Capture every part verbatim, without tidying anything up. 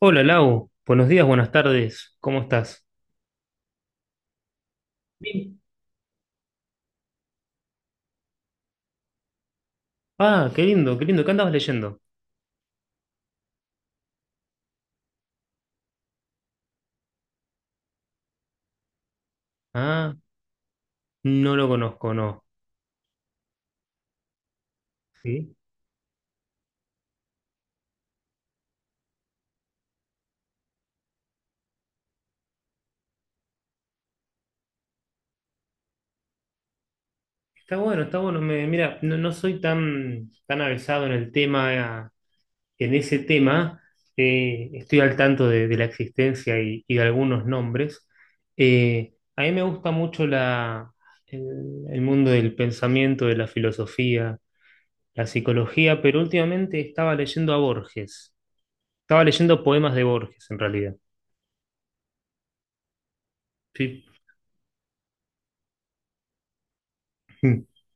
Hola Lau, buenos días, buenas tardes, ¿cómo estás? Bien. Ah, qué lindo, qué lindo, ¿qué andabas leyendo? Ah, no lo conozco, no. Sí. Está bueno, está bueno. Me- mira, no, no soy tan, tan avesado en el tema, eh, en ese tema. Eh, estoy al tanto de, de la existencia y, y de algunos nombres. Eh, a mí me gusta mucho la, el, el mundo del pensamiento, de la filosofía, la psicología, pero últimamente estaba leyendo a Borges. Estaba leyendo poemas de Borges, en realidad. Sí.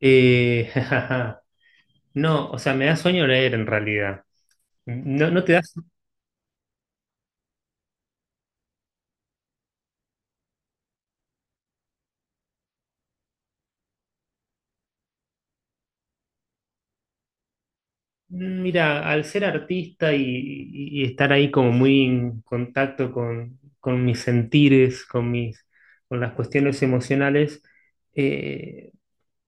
Eh, no, o sea, me da sueño leer en realidad. No, no te das. Mira, al ser artista y, y- y estar ahí como muy en contacto con, con mis sentires, con mis, con las cuestiones emocionales, eh,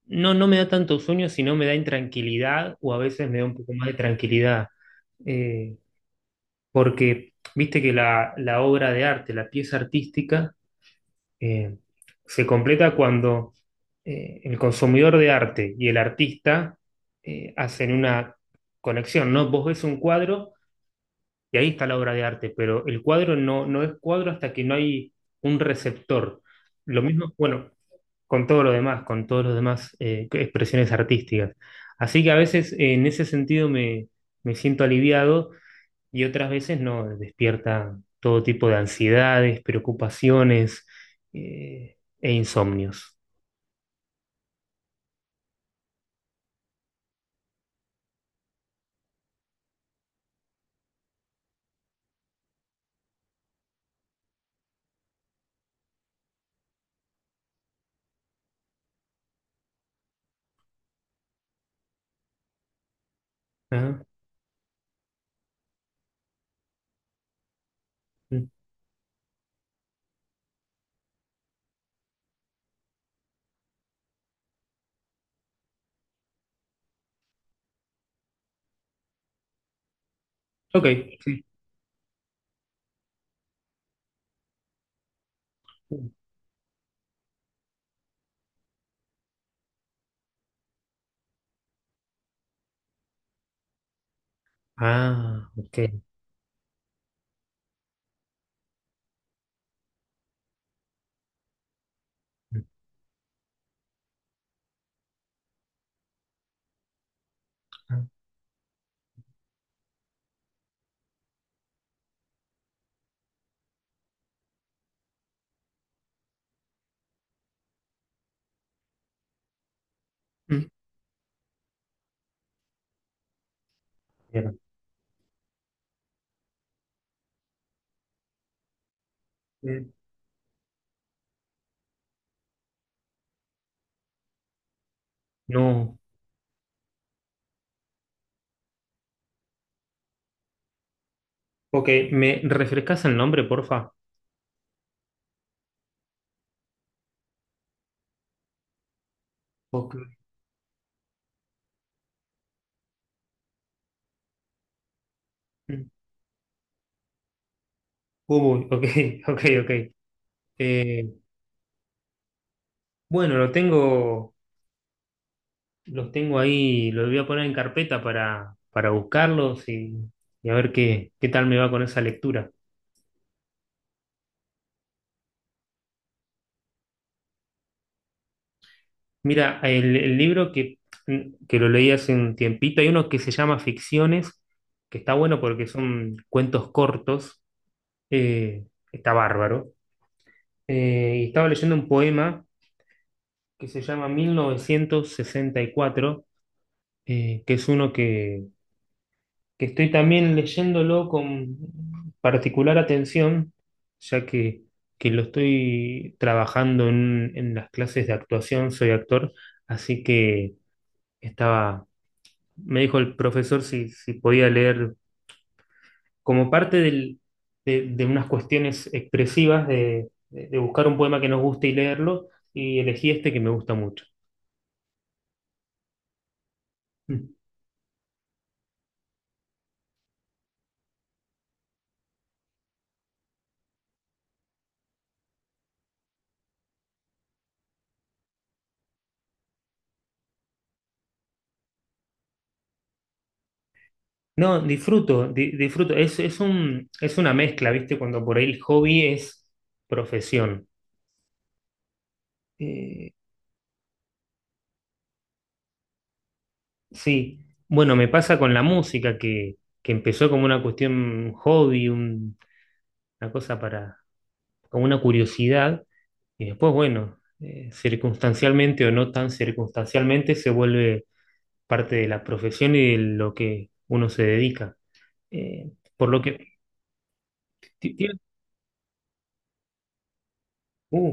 no, no me da tanto sueño, sino me da intranquilidad o a veces me da un poco más de tranquilidad. Eh, Porque viste que la la obra de arte, la pieza artística, eh, se completa cuando eh, el consumidor de arte y el artista eh, hacen una conexión, ¿no? Vos ves un cuadro y ahí está la obra de arte, pero el cuadro no, no es cuadro hasta que no hay un receptor. Lo mismo, bueno, con todo lo demás, con todas las demás eh, expresiones artísticas. Así que a veces eh, en ese sentido me, me siento aliviado y otras veces no, despierta todo tipo de ansiedades, preocupaciones eh, e insomnios. Ah, mm, ok. Ah, ok. Ah, mm, bien. Mm, no, ok, ¿me refrescas el nombre, porfa? Ok. Mm, Cubo, ok, ok, ok. Eh, bueno, lo tengo, los tengo ahí, los voy a poner en carpeta para, para buscarlos y, y a ver qué, qué tal me va con esa lectura. Mira, el, el libro que, mm, que lo leí hace un tiempito, hay uno que se llama Ficciones, que está bueno porque son cuentos cortos, eh, está bárbaro. Eh, y estaba leyendo un poema que se llama mil novecientos sesenta y cuatro, eh, que es uno que, que estoy también leyéndolo con particular atención, ya que, que lo estoy trabajando en en las clases de actuación, soy actor, así que estaba me dijo el profesor si, si podía leer como parte del- de, de unas cuestiones expresivas de, de- de buscar un poema que nos guste y leerlo, y elegí este que me gusta mucho. Mm. No, disfruto, di- disfruto. Es, es un, es una mezcla, ¿viste? Cuando por ahí el hobby es profesión. Eh, sí, bueno, me pasa con la música que, que empezó como una cuestión hobby, un- una cosa para, como una curiosidad. Y después, bueno, eh, circunstancialmente o no tan circunstancialmente, se vuelve parte de la profesión y de lo que uno se dedica. Eh, por lo que... ti- tiene- uh,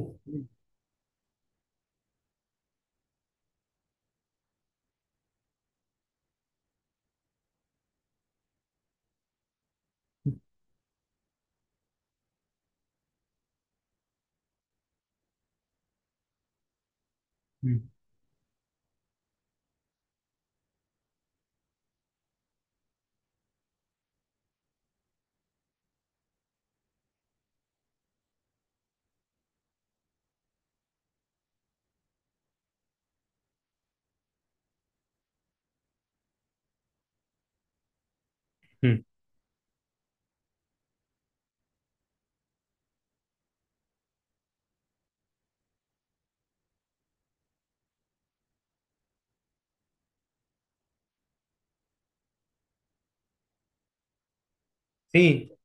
mm, mm. Sí,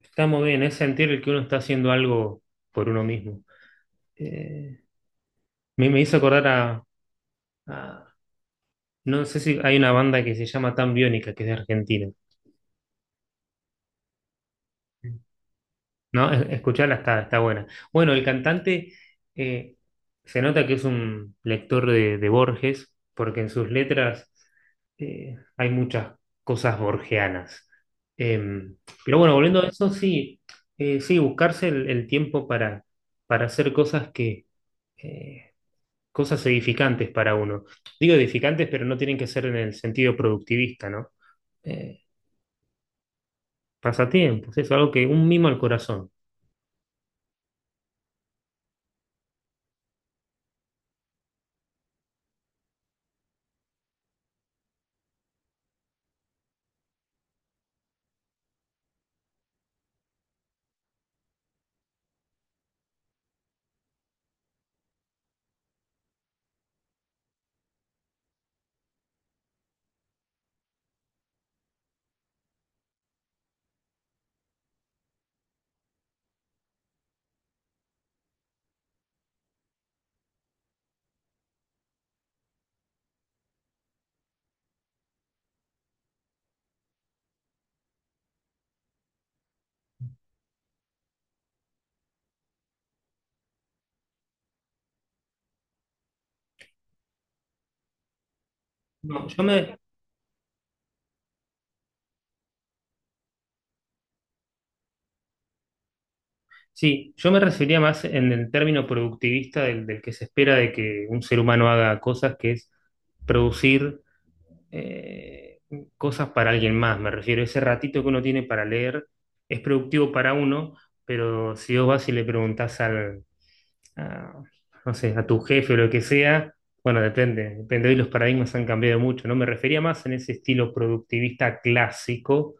está muy bien, es sentir el que uno está haciendo algo por uno mismo. Eh, me, Me hizo acordar a, a- no sé si hay una banda que se llama Tan Biónica, que es de Argentina. No, Es- escucharla está, está buena. Bueno, el cantante eh, se nota que es un lector de, de Borges, porque en sus letras eh, hay muchas cosas borgianas. Em, pero bueno, volviendo a eso, sí, eh, sí, buscarse el, el tiempo para, para hacer cosas que, eh, cosas edificantes para uno. Digo edificantes, pero no tienen que ser en el sentido productivista, ¿no? Eh, Pasatiempos, eso, algo que un mimo al corazón. No, yo me, Sí, yo me refería más en el término productivista del, del que se espera de que un ser humano haga cosas, que es producir eh, cosas para alguien más. Me refiero, ese ratito que uno tiene para leer es productivo para uno, pero si vos vas y le preguntás al, a, no sé, a tu jefe o lo que sea, bueno, depende, depende, hoy los paradigmas han cambiado mucho, ¿no? Me refería más en ese estilo productivista clásico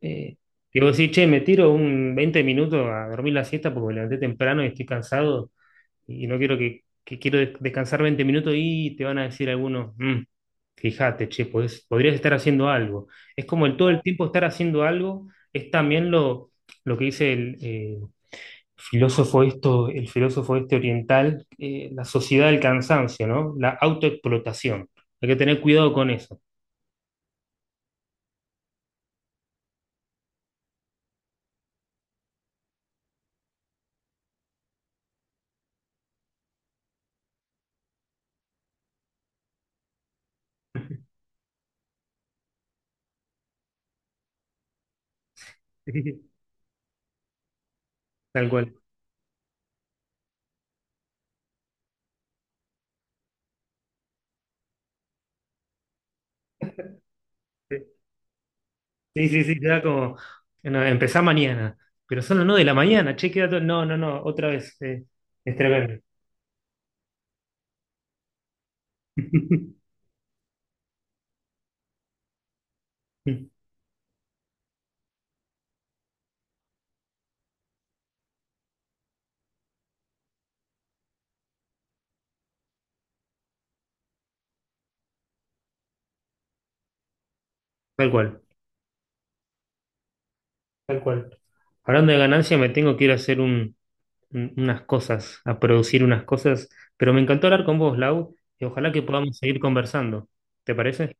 eh, digo, sí, che, me tiro un veinte minutos a dormir la siesta porque me levanté temprano y estoy cansado y no quiero que, que quiero des- descansar veinte minutos y te van a decir algunos, "Mm, fíjate, che, podés- podrías estar haciendo algo." Es como el todo el tiempo estar haciendo algo, es también lo, lo que dice el eh, filósofo esto, el filósofo este oriental, eh, la sociedad del cansancio, ¿no? La autoexplotación. Hay que tener cuidado con eso. Tal cual. Sí, sí, sí, queda como, no, empezá mañana, pero son las nueve de la mañana, che, queda todo, no, no, no, otra vez, eh, es tremendo. Tal cual, tal cual. Hablando de ganancia, me tengo que ir a hacer un- un- unas cosas, a producir unas cosas, pero me encantó hablar con vos, Lau, y ojalá que podamos seguir conversando. ¿Te parece?